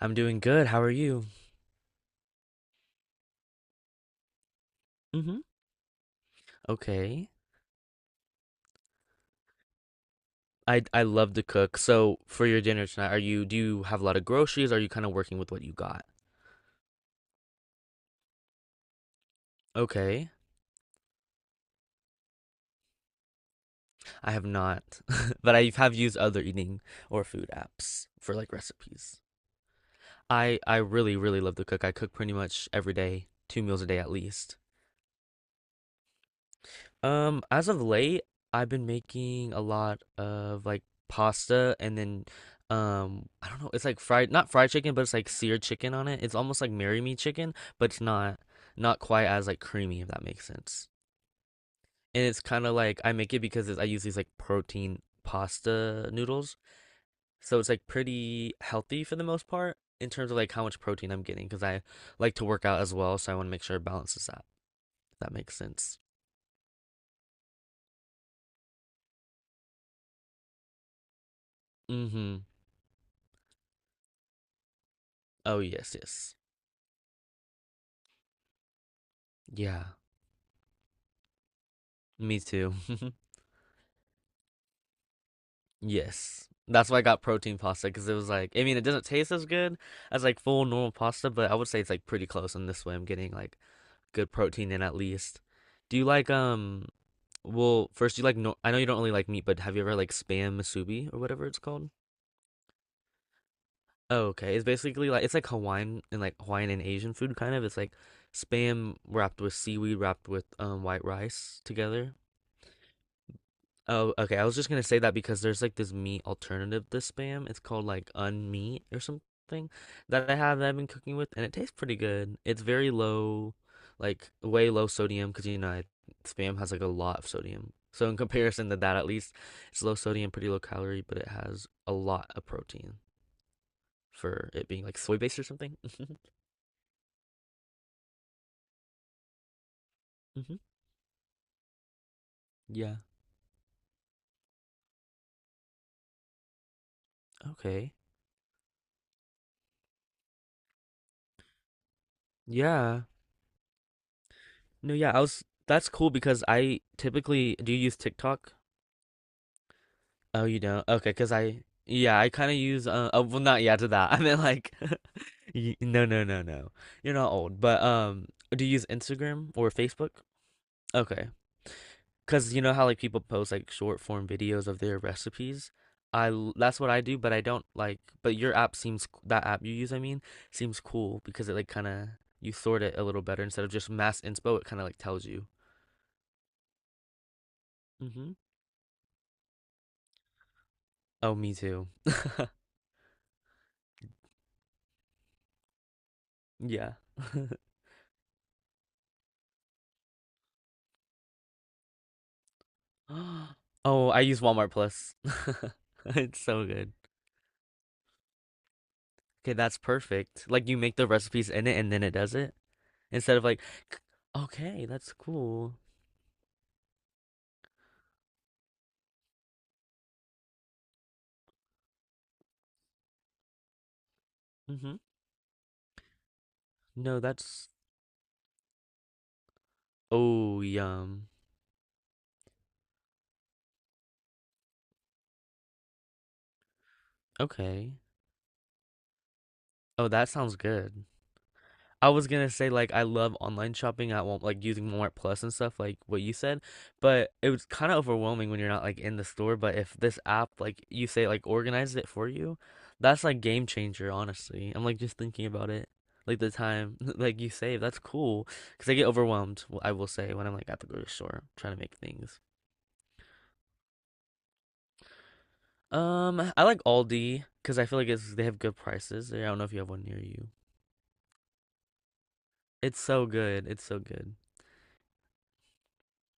I'm doing good. How are you? hmm Okay. I love to cook. So for your dinner tonight, are you do you have a lot of groceries? Or are you kind of working with what you got? Okay. I have not, but I have used other eating or food apps for like recipes. I really really love to cook. I cook pretty much every day, two meals a day at least. Um, as of late, I've been making a lot of like pasta, and then I don't know, it's like fried not fried chicken, but it's like seared chicken on it. It's almost like Marry Me chicken, but it's not quite as like creamy, if that makes sense. And it's kind of like I make it because it's, I use these like protein pasta noodles. So it's like pretty healthy for the most part in terms of like how much protein I'm getting, because I like to work out as well, so I want to make sure it balances that. If that makes sense. Mm-hmm. Oh yes, yes. Yeah. Me too. Yes. That's why I got protein pasta, because it was like, I mean, it doesn't taste as good as like full normal pasta, but I would say it's like pretty close. And this way, I'm getting like good protein in at least. Do you like, well, first, do you like, no, I know you don't really like meat, but have you ever like spam musubi or whatever it's called? Oh, okay. It's basically like, it's like Hawaiian and Asian food kind of. It's like spam wrapped with seaweed, wrapped with white rice together. Oh, okay. I was just gonna say that because there's like this meat alternative to spam. It's called like unmeat or something that I have that I've been cooking with, and it tastes pretty good. It's very low, like way low sodium, because you know I, spam has like a lot of sodium. So in comparison to that, at least it's low sodium, pretty low calorie, but it has a lot of protein for it being like soy based or something. hmm Yeah. Okay. Yeah. No, yeah. I was. That's cool because I typically do you use TikTok? Oh, you don't? Okay, okay, cause I I kind of use oh, well not yeah to that. I meant like no, no, no, no. You're not old. But do you use Instagram or Facebook? Okay, cause you know how like people post like short form videos of their recipes? That's what I do, but I don't like but your that app you use, I mean, seems cool because it like kind of you sort it a little better instead of just mass inspo, it kind of like tells you. Mhm. Oh, me too. Yeah. Oh, I use Walmart Plus. It's so good. Okay, that's perfect. Like you make the recipes in it and then it does it instead of like, okay, that's cool. Mm-hmm. No, that's oh, yum. Okay. Oh, that sounds good. I was gonna say like I love online shopping. I won't like using Walmart Plus and stuff like what you said, but it was kind of overwhelming when you're not like in the store. But if this app like you say like organizes it for you, that's like game changer. Honestly, I'm like just thinking about it, like the time like you save. That's cool because I get overwhelmed. I will say when I'm like at the grocery store trying to make things. I like Aldi because I feel like it's they have good prices. I don't know if you have one near you. It's so good. It's so good.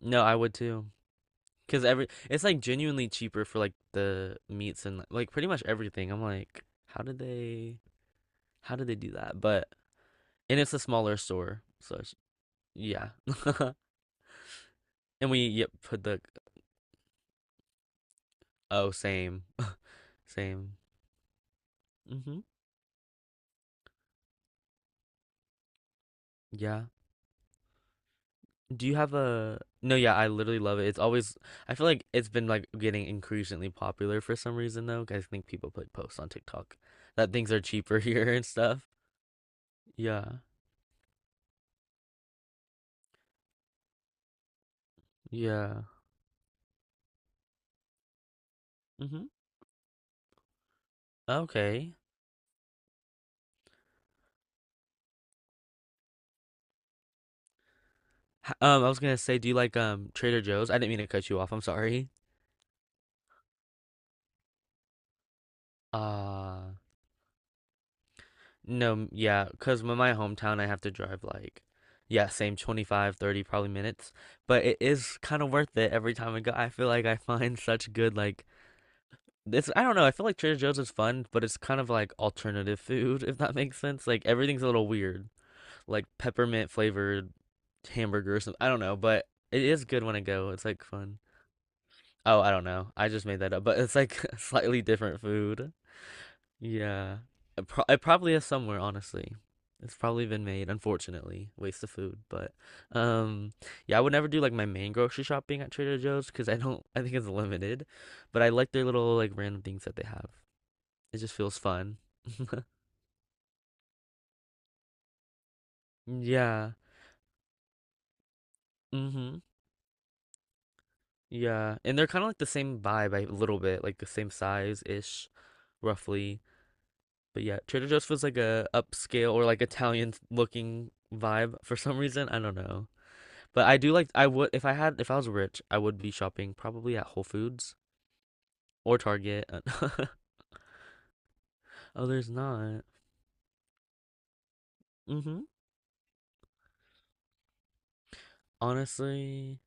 No, I would too. Because every it's like genuinely cheaper for like the meats and like pretty much everything. I'm like, how did they how did they do that? But and it's a smaller store, so yeah. And we yep put the oh same. Same. Mm-hmm. Yeah. Do you have a no? Yeah, I literally love it. It's always I feel like it's been like getting increasingly popular for some reason though, 'cause I think people put posts on TikTok that things are cheaper here and stuff. Yeah. Yeah. Mm-hmm. Okay. I was gonna say, do you like Trader Joe's? I didn't mean to cut you off. I'm sorry. Uh, no, m- yeah, because in my hometown, I have to drive yeah, same 25, 30 probably minutes, but it is kind of worth it every time I go. I feel like I find such good like this. I don't know. I feel like Trader Joe's is fun, but it's kind of like alternative food, if that makes sense. Like everything's a little weird, like peppermint flavored hamburger or something. I don't know, but it is good when I go. It's like fun. Oh, I don't know. I just made that up, but it's like slightly different food. Yeah. It probably is somewhere, honestly. It's probably been made, unfortunately. Waste of food, but um yeah, I would never do like my main grocery shopping at Trader Joe's because I don't I think it's limited, but I like their little like random things that they have. It just feels fun. Yeah. Mm-hmm. Yeah. And they're kind of like the same vibe by a little bit, like the same size-ish, roughly. But yeah, Trader Joe's feels like a upscale or like Italian looking vibe for some reason. I don't know. But I do like I would if I was rich, I would be shopping probably at Whole Foods or Target. Oh, there's not. Mm-hmm. Honestly.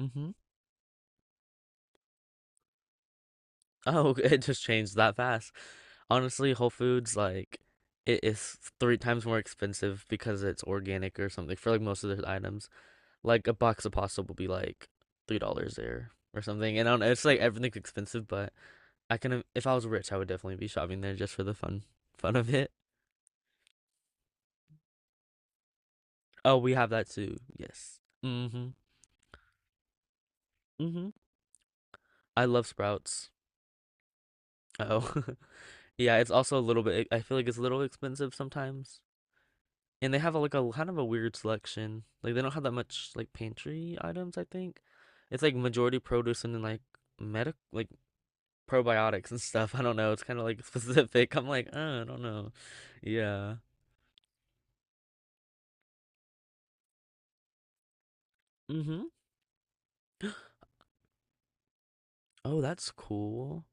Mm-hmm. Oh, it just changed that fast. Honestly, Whole Foods like it is three times more expensive because it's organic or something for like most of their items. Like a box of pasta will be like $3 there or something. And I don't know, it's like everything's expensive, but I can if I was rich, I would definitely be shopping there just for the fun of it. Oh, we have that too. Yes. Mhm. Mhm. I love Sprouts. Oh. Yeah, it's also a little bit I feel like it's a little expensive sometimes. And they have a, like a kind of a weird selection. Like they don't have that much like pantry items, I think. It's like majority produce and then like medic like probiotics and stuff. I don't know. It's kind of like specific. I'm like, I don't know. Yeah. Mhm. Oh, that's cool.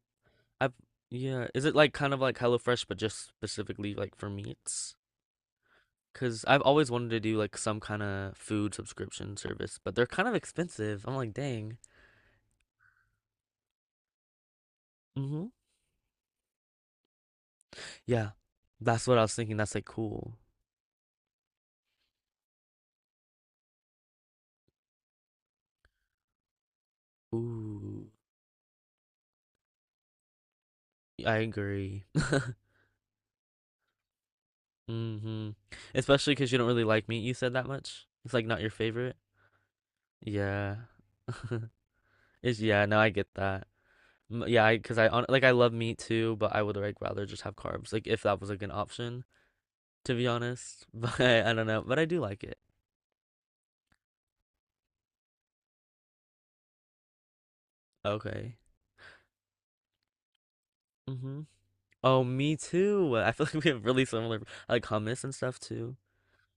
I've yeah, is it like kind of like HelloFresh but just specifically like for meats? Because 'Cause I've always wanted to do like some kind of food subscription service, but they're kind of expensive. I'm like, dang. hmm Yeah. That's what I was thinking. That's like cool. Ooh, yeah, I agree. hmm Especially cause you don't really like meat, you said, that much. It's like not your favorite. Yeah. Is yeah, no, I get that. Yeah, cause I on like I love meat too, but I would like rather just have carbs. Like if that was like an option. To be honest. But I don't know. But I do like it. Okay. Mm-hmm. Oh, me too. I feel like we have really similar like hummus and stuff too.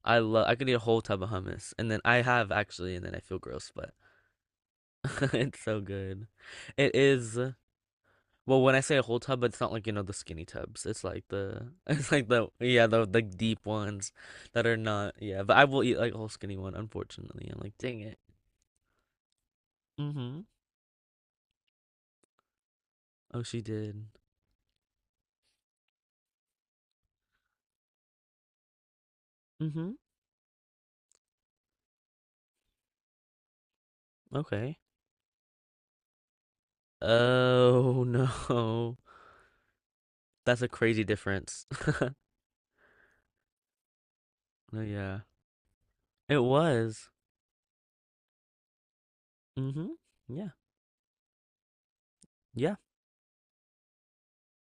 I love. I could eat a whole tub of hummus, and then I have actually, and then I feel gross, but it's so good. It is. Well, when I say a whole tub, it's not like you know the skinny tubs. It's like the it's like the yeah the deep ones that are not yeah. But I will eat like a whole skinny one. Unfortunately, I'm like dang it. Mm-hmm. Oh, she did. Mm-hmm. Okay. Oh no. That's a crazy difference. Yeah. It was. Mm-hmm. Yeah. Yeah.